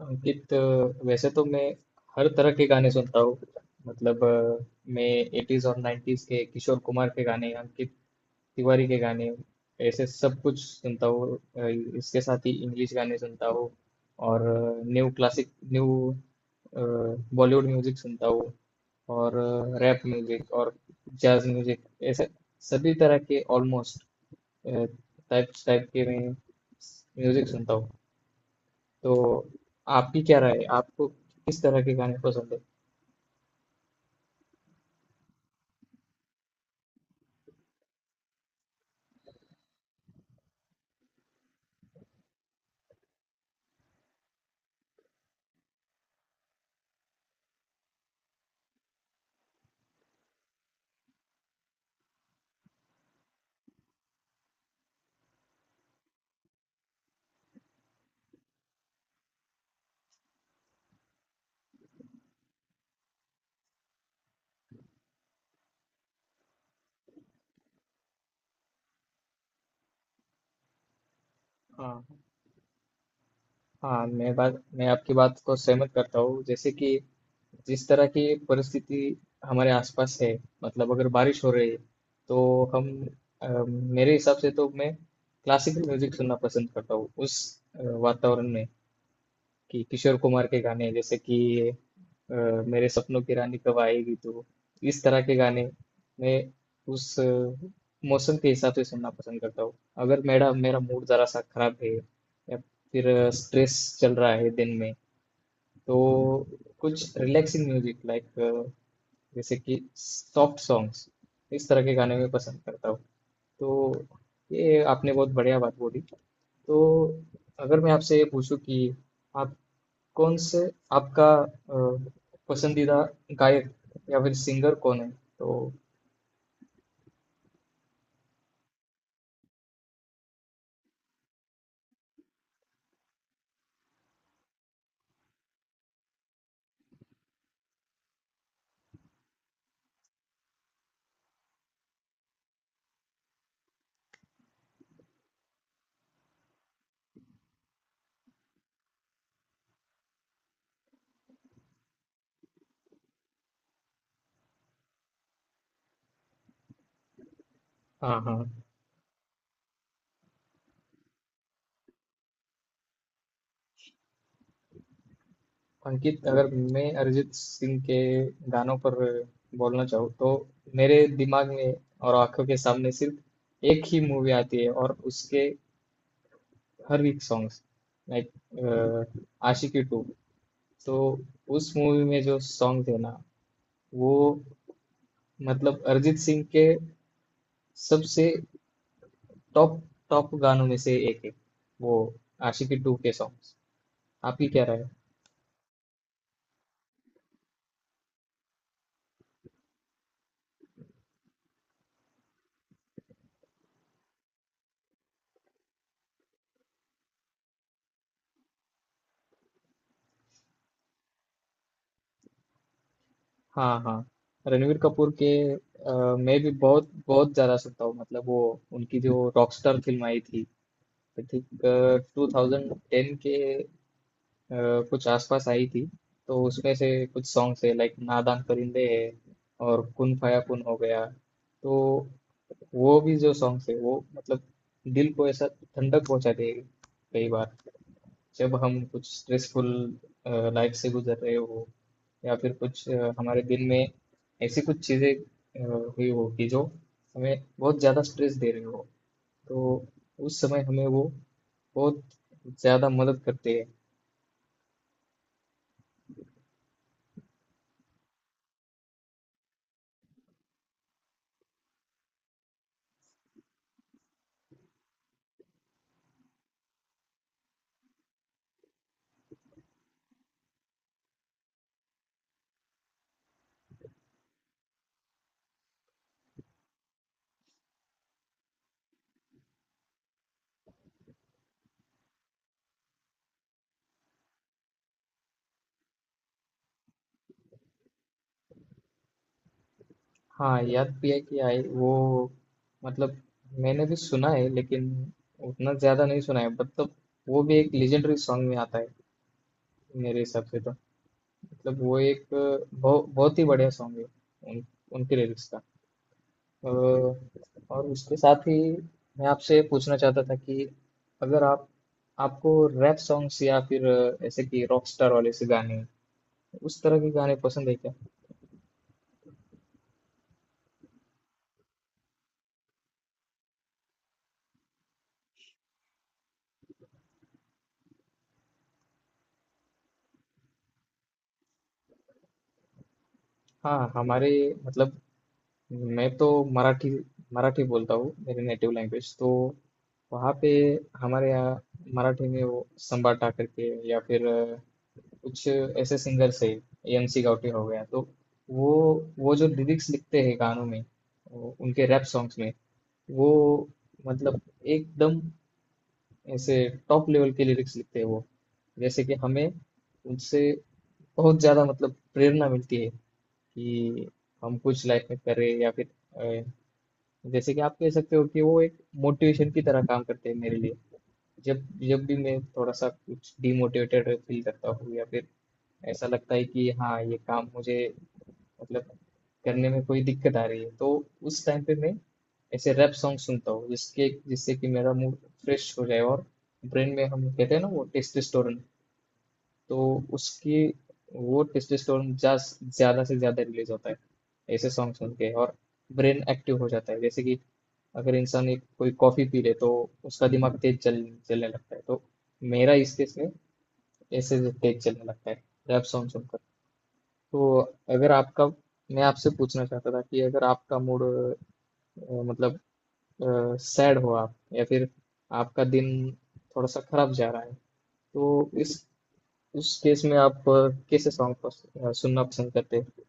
अंकित, वैसे तो मैं हर तरह के गाने सुनता हूँ। मतलब मैं 80s और 90s के किशोर कुमार के गाने, अंकित तिवारी के गाने, ऐसे सब कुछ सुनता हूँ। इसके साथ ही इंग्लिश गाने सुनता हूँ, और new classic, new Bollywood music सुनता हूँ, और रैप म्यूजिक और जैज म्यूजिक, ऐसे सभी तरह के ऑलमोस्ट टाइप्स टाइप के मैं म्यूजिक सुनता हूँ। तो आपकी क्या राय है? आपको किस तरह के गाने पसंद है? हाँ, हाँ, मैं आपकी बात को सहमत करता हूँ। जैसे कि जिस तरह की परिस्थिति हमारे आसपास है, मतलब अगर बारिश हो रही है तो हम, मेरे हिसाब से तो मैं क्लासिकल म्यूजिक सुनना पसंद करता हूँ उस वातावरण में। कि किशोर कुमार के गाने, जैसे कि अ, मेरे सपनों की रानी कब आएगी तू, इस तरह के गाने मैं उस मौसम के हिसाब से सुनना पसंद करता हूँ। अगर मेरा मेरा मूड जरा सा खराब है, या फिर स्ट्रेस चल रहा है दिन में, तो कुछ रिलैक्सिंग म्यूजिक लाइक, जैसे कि सॉफ्ट सॉन्ग्स, इस तरह के गाने मैं पसंद करता हूँ। तो ये आपने बहुत बढ़िया बात बोली। तो अगर मैं आपसे ये पूछूं कि आप कौन से, आपका पसंदीदा गायक या फिर सिंगर कौन है? तो हाँ, हाँ। अंकित, अगर मैं अरिजीत सिंह के गानों पर बोलना चाहूँ, तो मेरे दिमाग में और आंखों के सामने सिर्फ एक ही मूवी आती है और उसके हर एक सॉन्ग्स, लाइक आशिकी टू। तो उस मूवी में जो सॉन्ग थे ना, वो, मतलब अरिजीत सिंह के सबसे टॉप टॉप गानों में से एक है, वो आशिकी टू के सॉन्ग्स। आपकी क्या राय है? हाँ, हाँ। रणवीर कपूर के मैं भी बहुत बहुत ज़्यादा सुनता हूँ। मतलब वो, उनकी जो रॉकस्टार फिल्म आई थी, आई थिंक 2010 के अ, कुछ आसपास आई थी। तो उसमें से कुछ सॉन्ग्स है लाइक नादान परिंदे है, और कुन फाया कुन हो गया। तो वो भी जो सॉन्ग्स है वो, मतलब दिल को ऐसा ठंडक पहुंचा देगा। कई बार जब हम कुछ स्ट्रेसफुल लाइफ से गुजर रहे हो, या फिर कुछ हमारे दिन में ऐसी कुछ चीज़ें हुई हो कि जो हमें बहुत ज़्यादा स्ट्रेस दे रहे हो, तो उस समय हमें वो बहुत ज़्यादा मदद करते हैं। हाँ, याद भी है कि आई वो, मतलब मैंने भी सुना है लेकिन उतना ज़्यादा नहीं सुना है। मतलब वो भी एक लेजेंडरी सॉन्ग में आता है, मेरे हिसाब से तो। मतलब वो एक बहुत ही बढ़िया सॉन्ग है। उन, उनके लिरिक्स का अ, और उसके साथ ही, मैं आपसे पूछना चाहता था कि अगर आप, आपको रैप सॉन्ग्स या फिर ऐसे कि रॉकस्टार वाले से गाने, उस तरह के गाने पसंद है क्या? हाँ, हमारे, मतलब मैं तो मराठी मराठी बोलता हूँ, मेरी नेटिव लैंग्वेज। तो वहाँ पे हमारे यहाँ मराठी में वो संबाटा करके या फिर कुछ ऐसे सिंगर्स है, एमसी गाउटी हो गया, तो वो वो जो लिरिक्स लिखते हैं गानों में, वो उनके रैप सॉन्ग्स में, वो मतलब एकदम ऐसे टॉप लेवल के लिरिक्स लिखते हैं वो, जैसे कि हमें उनसे बहुत ज़्यादा मतलब प्रेरणा मिलती है कि हम कुछ लाइफ में करें, या फिर अ, जैसे कि आप कह सकते हो कि वो एक मोटिवेशन की तरह काम करते हैं मेरे लिए। जब जब भी मैं थोड़ा सा कुछ डिमोटिवेटेड फील करता हूँ, या फिर ऐसा लगता है कि हाँ, ये काम मुझे, मतलब करने में कोई दिक्कत आ रही है, तो उस टाइम पे मैं ऐसे रैप सॉन्ग सुनता हूँ जिसके जिससे कि मेरा मूड फ्रेश हो जाए, और ब्रेन में हम कहते हैं ना वो टेस्टोस्टेरोन, तो उसकी, वो टेस्टोस्टेरोन ज्यादा से ज्यादा रिलीज होता है ऐसे सॉन्ग सुन के, और ब्रेन एक्टिव हो जाता है। जैसे कि अगर इंसान एक कोई कॉफी पी ले, तो उसका दिमाग तेज चल चलने लगता है, तो मेरा इस केस में ऐसे तेज चलने लगता है रैप सॉन्ग सुनकर। तो अगर आपका, मैं आपसे पूछना चाहता था कि अगर आपका मूड मतलब सैड हो आप, या फिर आपका दिन थोड़ा सा खराब जा रहा है, तो इस, उस केस में आप कैसे सॉन्ग सुनना पसंद करते हैं?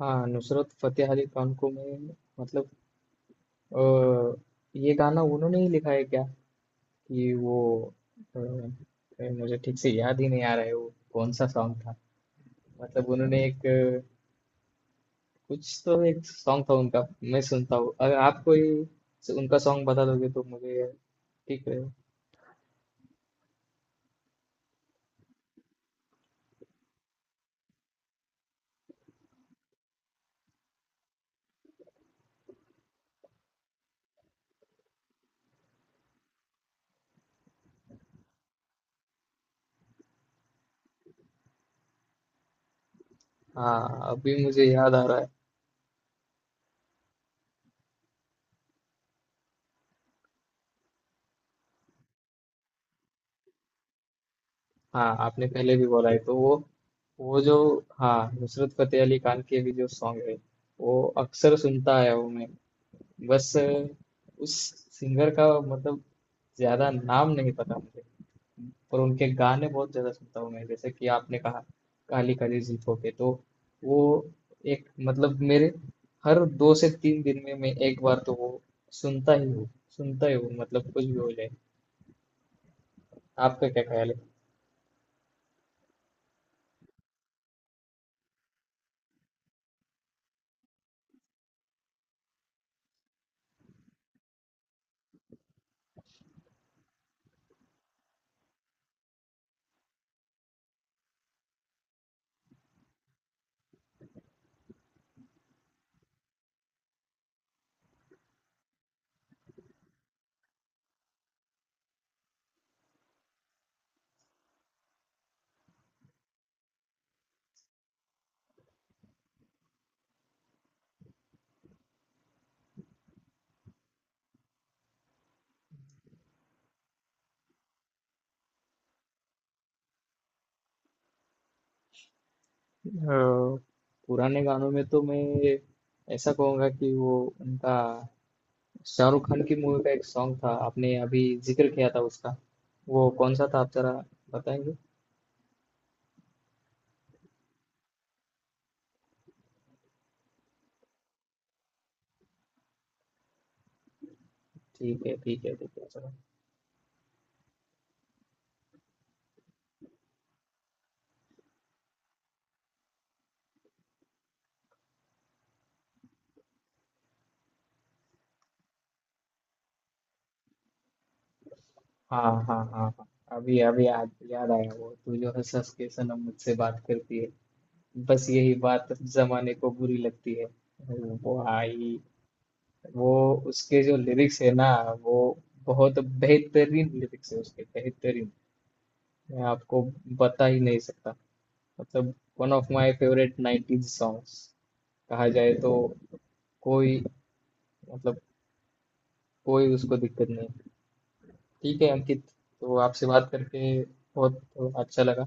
हाँ, नुसरत फतेह अली खान को मैं, मतलब अ, ये गाना उन्होंने ही लिखा है क्या? कि वो, मुझे ठीक से याद ही नहीं आ रहा है वो कौन सा सॉन्ग था। मतलब उन्होंने एक, कुछ तो एक सॉन्ग था उनका, मैं सुनता हूँ। अगर आप कोई उनका सॉन्ग बता दोगे तो मुझे, ठीक है। हाँ, अभी मुझे याद आ रहा है। हाँ, आपने पहले भी बोला है, तो वो जो, हाँ, नुसरत फतेह अली खान के भी जो सॉन्ग है वो अक्सर सुनता आया हूँ मैं। बस उस सिंगर का, मतलब ज्यादा नाम नहीं पता मुझे, और उनके गाने बहुत ज़्यादा सुनता हूँ मैं, जैसे कि आपने कहा काली काली जुल्फों के। तो वो, एक मतलब, मेरे हर 2 से 3 दिन में मैं एक बार तो वो सुनता ही हूँ, सुनता ही हूँ, मतलब कुछ भी हो जाए। आपका क्या ख्याल है? अ, पुराने गानों में तो मैं ऐसा कहूँगा कि वो उनका, शाहरुख खान की मूवी का एक सॉन्ग था आपने अभी जिक्र किया था, उसका वो कौन सा था, आप जरा बताएंगे? ठीक है, ठीक है, ठीक है, चलो। हाँ, हाँ, हाँ, हाँ, अभी अभी याद याद आया, वो तू जो है सस के सनम मुझसे बात करती है, बस यही बात जमाने को बुरी लगती है, वो आई। वो, उसके जो लिरिक्स है ना, वो बहुत बेहतरीन लिरिक्स है उसके, बेहतरीन, मैं आपको बता ही नहीं सकता। मतलब one of my favourite 90s songs कहा जाए तो, कोई, मतलब कोई उसको दिक्कत नहीं। ठीक है अंकित, तो आपसे बात करके बहुत अच्छा लगा।